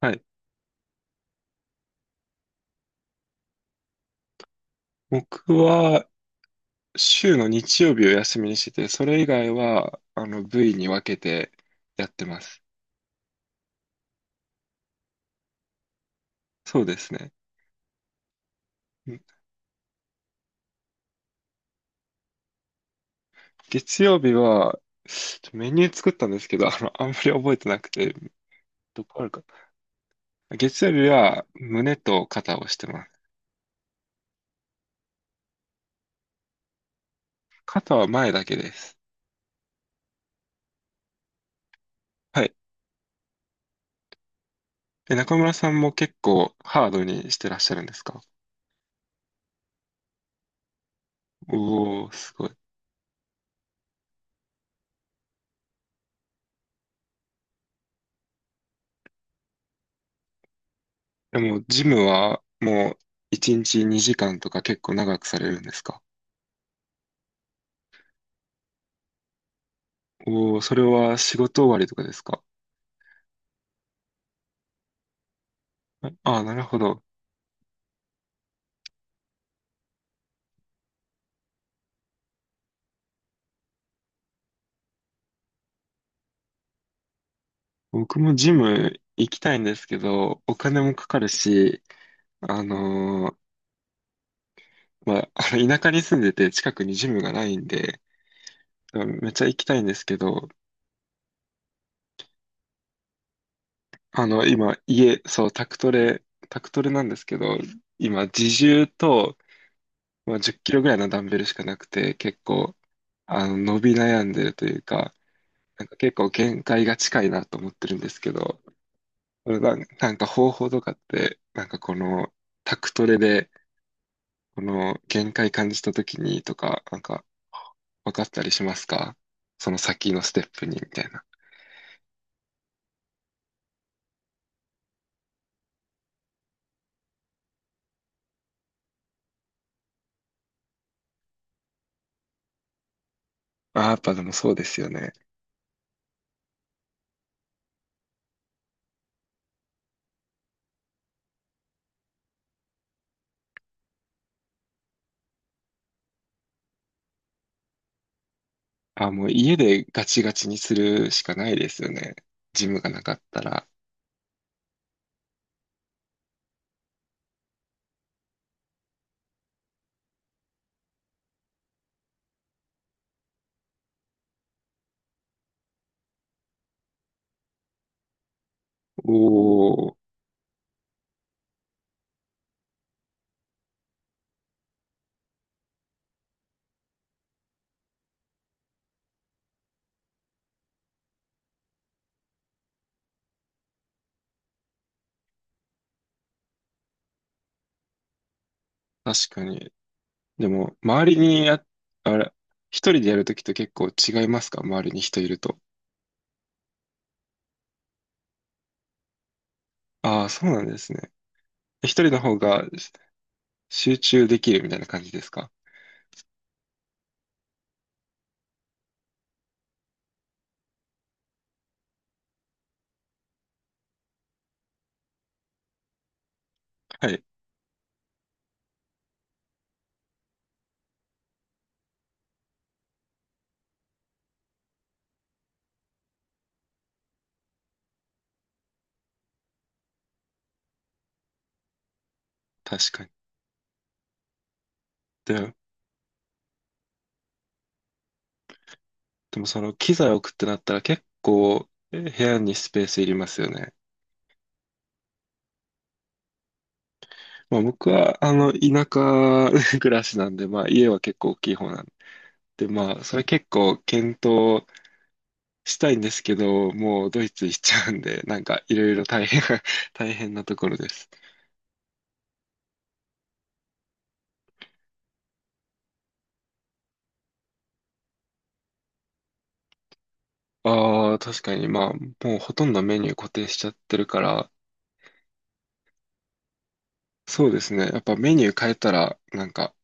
はい。僕は週の日曜日を休みにしてて、それ以外は、部位に分けてやってます。そうですね。うん、月曜日は、メニュー作ったんですけど、あんまり覚えてなくて、どこあるか。月曜日は胸と肩をしてます。肩は前だけです。はい。中村さんも結構ハードにしてらっしゃるんですか？おー、すごい。でも、ジムはもう1日2時間とか結構長くされるんですか？おお、それは仕事終わりとかですか？ああー、なるほど。僕もジム行きたいんですけど、お金もかかるし、あのまあ、あの田舎に住んでて近くにジムがないんで、めっちゃ行きたいんですけど、今、家、そう、宅トレ、タクトレなんですけど、今、自重と、まあ、10キロぐらいのダンベルしかなくて、結構、伸び悩んでるというか、なんか結構限界が近いなと思ってるんですけど、なんか方法とかって、なんかこのタクトレで、この限界感じた時にとか、なんか分かったりしますか？その先のステップにみたいな。ああ、やっぱでもそうですよね。あーもう家でガチガチにするしかないですよね。ジムがなかったら。おお、確かに。でも、周りにや、あれ、一人でやるときと結構違いますか？周りに人いると。ああ、そうなんですね。一人の方が集中できるみたいな感じですか？はい。確かに。で、でもその機材置くってなったら結構部屋にスペースいりますよね。まあ僕はあの田舎 暮らしなんで、まあ家は結構大きい方なんで、まあそれ結構検討したいんですけど、もうドイツ行っちゃうんで、なんかいろいろ大変 大変なところです。ああ、確かにまあもうほとんどメニュー固定しちゃってるから、そうですね。やっぱメニュー変えたらなんか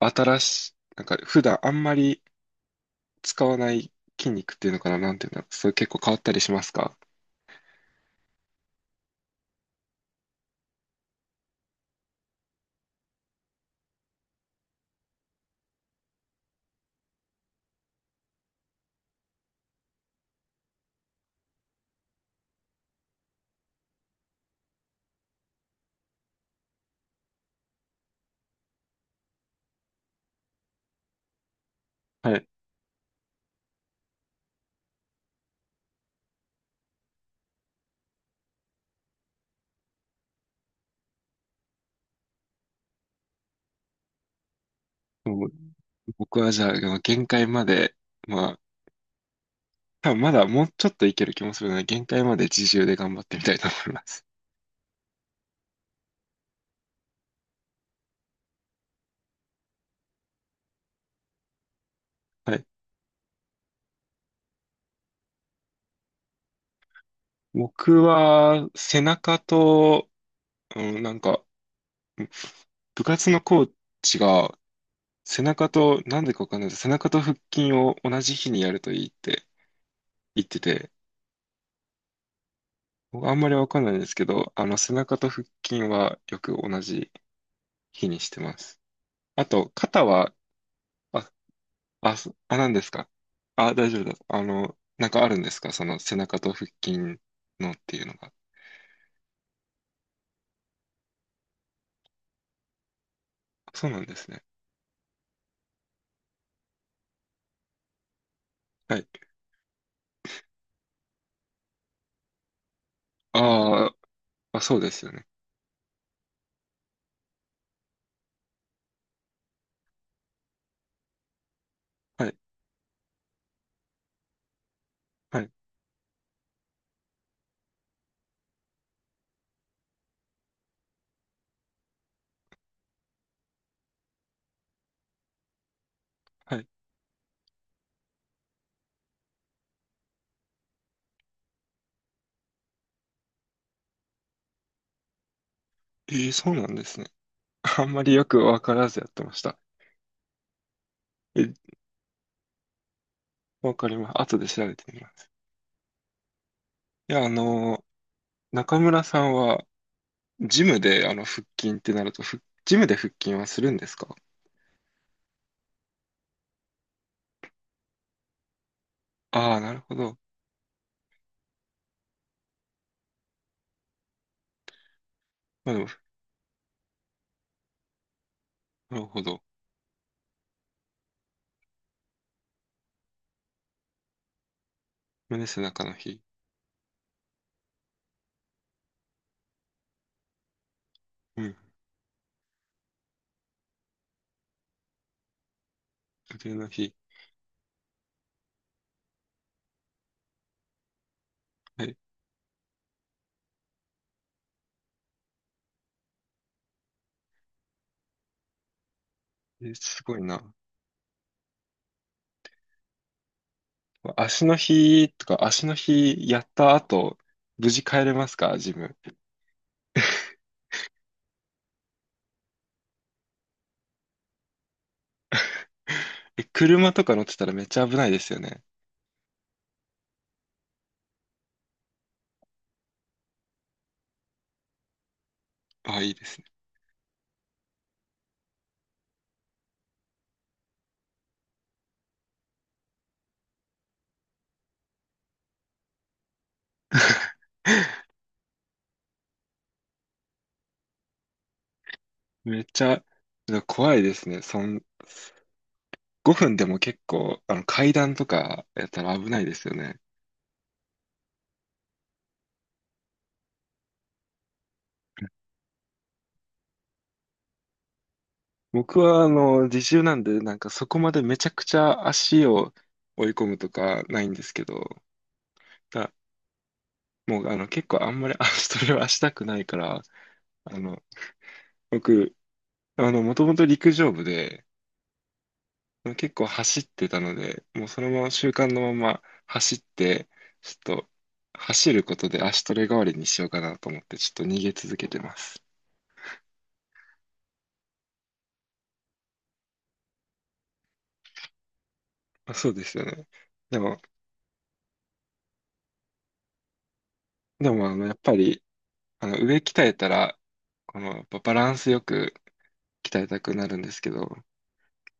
新しい、なんか普段あんまり使わない筋肉っていうのかな、なんていうのそれ結構変わったりしますか？はい。もう僕はじゃあ、限界まで、まあ、多分まだもうちょっといける気もするので、限界まで自重で頑張ってみたいと思います。はい。僕は、背中と、うん、なんか、部活のコーチが、背中と、なんでかわかんないです。背中と腹筋を同じ日にやるといいって言ってて、僕あんまりわかんないんですけど、背中と腹筋はよく同じ日にしてます。あと、肩は、あ、何ですか？あ、大丈夫です。なんかあるんですか？その背中と腹筋のっていうのが。そうなんですね。はい。あーあ、そうですよね。はい、はい、はい。そうなんですね。あんまりよくわからずやってました。え、わかります。後で調べてみます。いや、中村さんは、ジムであの腹筋ってなると、ジムで腹筋はするんですか？ああー、なるほど。まあでも、なるほど。胸背中の日。うん。腕の日。はい。すごいな。足の日とか、足の日やった後、無事帰れますか？ジム。え、車とか乗ってたらめっちゃ危ないですよね。ああ、いいですね。めっちゃ、怖いですね。5分でも結構、階段とかやったら危ないですよね。僕は、自重なんで、なんかそこまでめちゃくちゃ足を追い込むとかないんですけど、だ、もう、結構あんまり あ、それはしたくないから、あの、僕、もともと陸上部で、結構走ってたので、もうそのまま習慣のまま走って、ちょっと、走ることで足トレ代わりにしようかなと思って、ちょっと逃げ続けてます。あ、そうですよね。でも、でも、やっぱり、上鍛えたら、この、やっぱバランスよく、鍛えたくなるんですけど、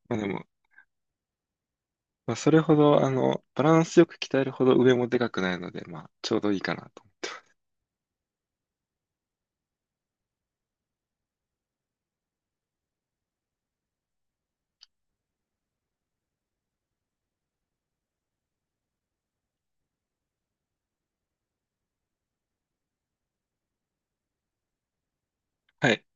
まあでも、まあそれほど、バランスよく鍛えるほど上もでかくないので、まあちょうどいいかなと。はい。